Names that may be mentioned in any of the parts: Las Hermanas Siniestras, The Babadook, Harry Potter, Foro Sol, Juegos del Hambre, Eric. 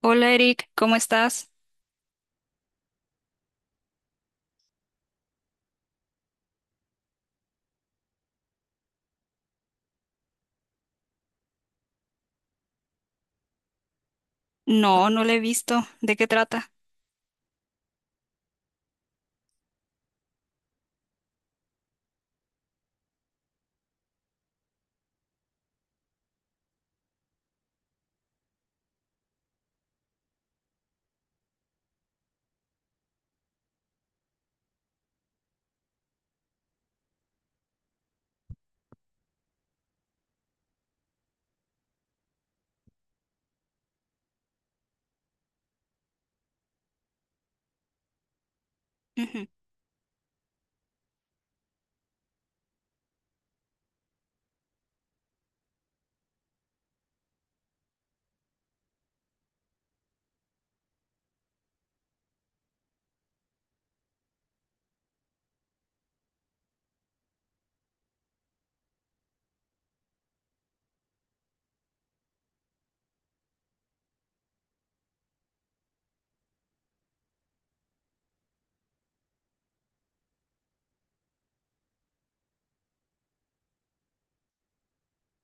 Hola Eric, ¿cómo estás? No, no la he visto. ¿De qué trata? Ujú.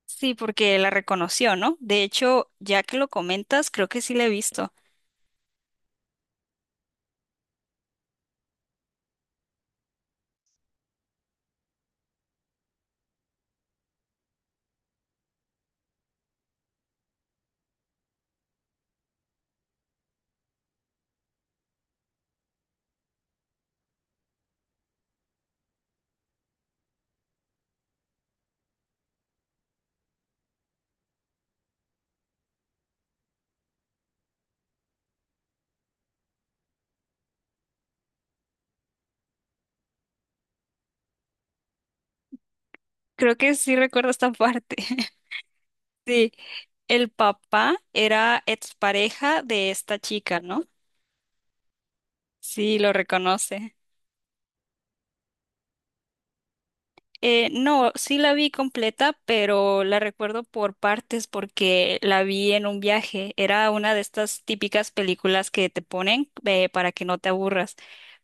Sí, porque la reconoció, ¿no? De hecho, ya que lo comentas, creo que sí la he visto. Creo que sí recuerdo esta parte. Sí, el papá era expareja de esta chica, ¿no? Sí, lo reconoce. No, sí la vi completa, pero la recuerdo por partes porque la vi en un viaje. Era una de estas típicas películas que te ponen para que no te aburras.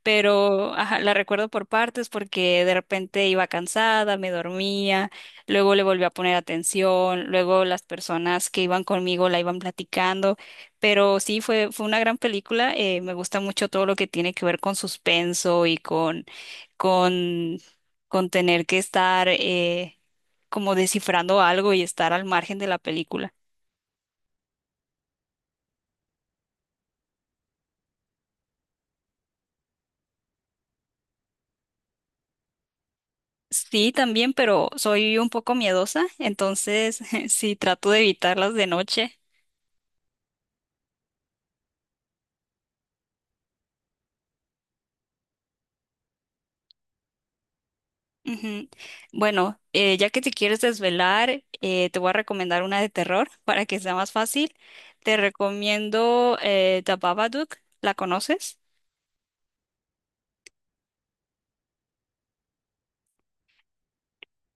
Pero ajá, la recuerdo por partes porque de repente iba cansada, me dormía, luego le volví a poner atención, luego las personas que iban conmigo la iban platicando. Pero sí, fue una gran película. Me gusta mucho todo lo que tiene que ver con suspenso y con con tener que estar como descifrando algo y estar al margen de la película. Sí, también, pero soy un poco miedosa, entonces sí trato de evitarlas de noche. Ujú. Bueno, ya que te quieres desvelar, te voy a recomendar una de terror para que sea más fácil. Te recomiendo The Babadook. ¿La conoces?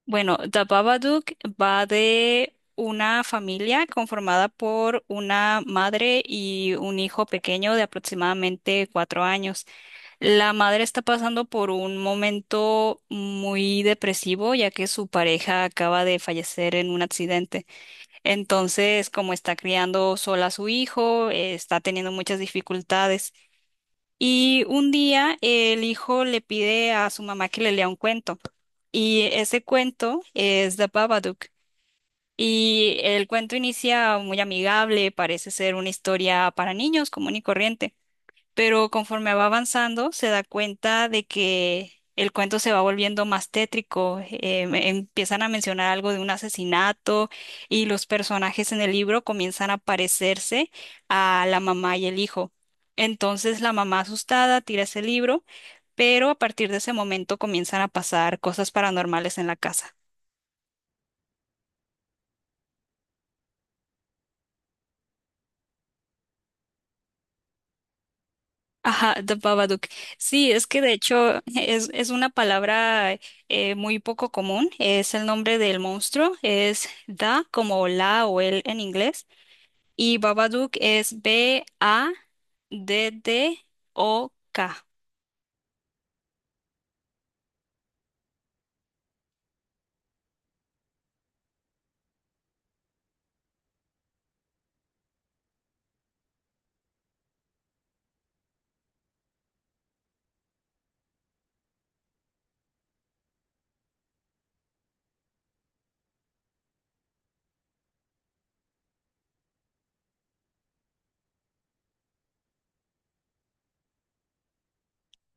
Bueno, The Babadook va de una familia conformada por una madre y un hijo pequeño de aproximadamente 4 años. La madre está pasando por un momento muy depresivo, ya que su pareja acaba de fallecer en un accidente. Entonces, como está criando sola a su hijo, está teniendo muchas dificultades. Y un día el hijo le pide a su mamá que le lea un cuento. Y ese cuento es The Babadook. Y el cuento inicia muy amigable, parece ser una historia para niños común y corriente, pero conforme va avanzando se da cuenta de que el cuento se va volviendo más tétrico. Empiezan a mencionar algo de un asesinato y los personajes en el libro comienzan a parecerse a la mamá y el hijo. Entonces la mamá asustada tira ese libro, pero a partir de ese momento comienzan a pasar cosas paranormales en la casa. Ajá, The Babadook. Sí, es que de hecho es una palabra muy poco común. Es el nombre del monstruo. Es Da como la o el en inglés. Y Babadook es BADDOK.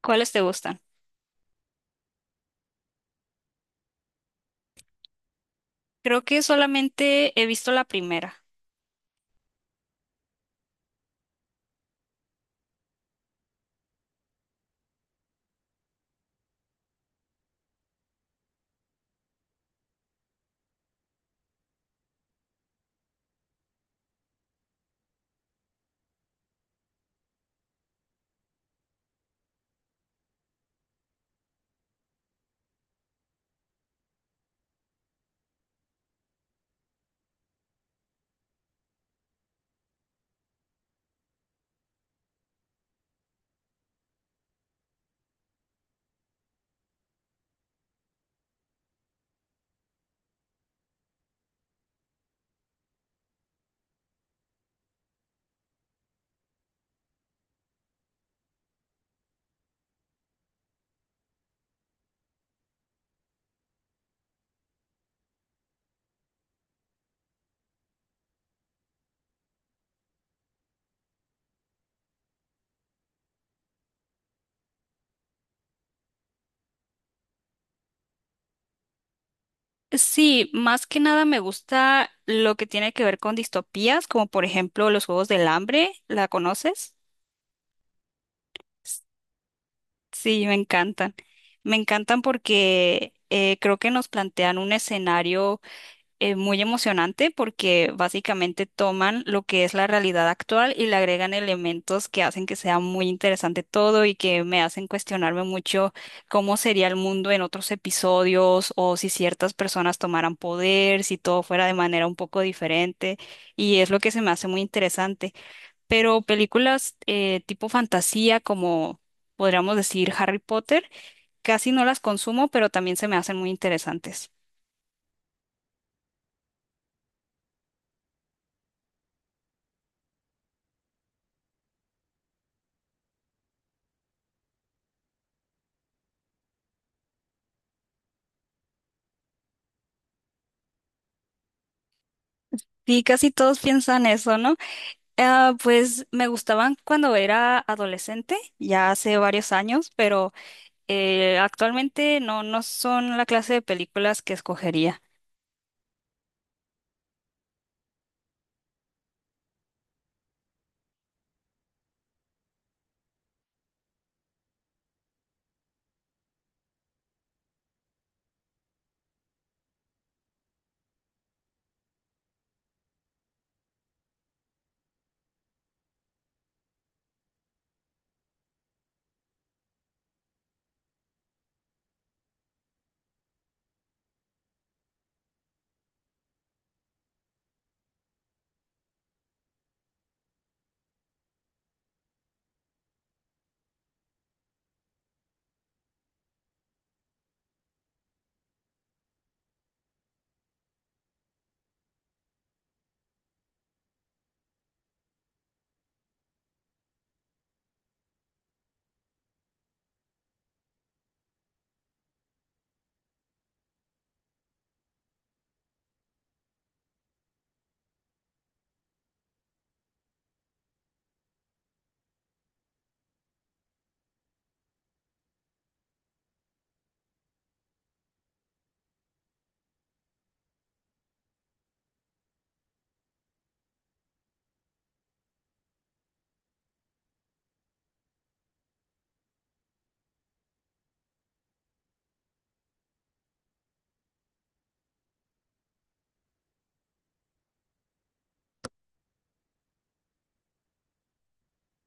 ¿Cuáles te gustan? Creo que solamente he visto la primera. Sí, más que nada me gusta lo que tiene que ver con distopías, como por ejemplo los Juegos del Hambre. ¿La conoces? Sí, me encantan. Me encantan porque creo que nos plantean un escenario muy emocionante porque básicamente toman lo que es la realidad actual y le agregan elementos que hacen que sea muy interesante todo y que me hacen cuestionarme mucho cómo sería el mundo en otros episodios o si ciertas personas tomaran poder, si todo fuera de manera un poco diferente. Y es lo que se me hace muy interesante, pero películas tipo fantasía, como podríamos decir Harry Potter, casi no las consumo, pero también se me hacen muy interesantes. Sí, casi todos piensan eso, ¿no? Ah, pues me gustaban cuando era adolescente, ya hace varios años, pero actualmente no, no son la clase de películas que escogería.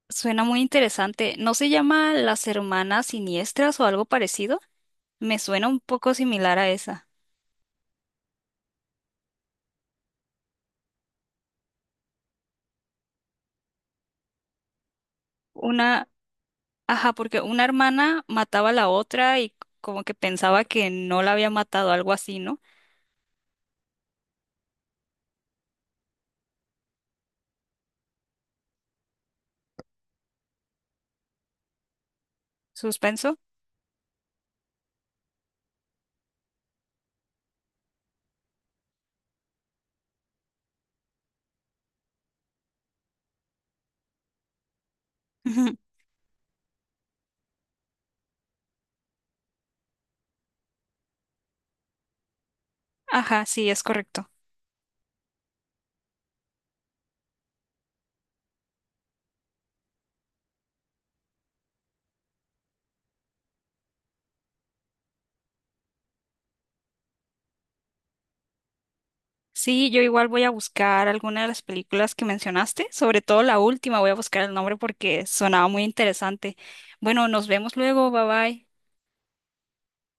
Suena muy interesante. ¿No se llama Las Hermanas Siniestras o algo parecido? Me suena un poco similar a esa. Una, ajá, porque una hermana mataba a la otra y como que pensaba que no la había matado, algo así, ¿no? Suspenso. Ujú. Ajá, sí, es correcto. Sí, yo igual voy a buscar alguna de las películas que mencionaste, sobre todo la última, voy a buscar el nombre porque sonaba muy interesante. Bueno, nos vemos luego, bye bye.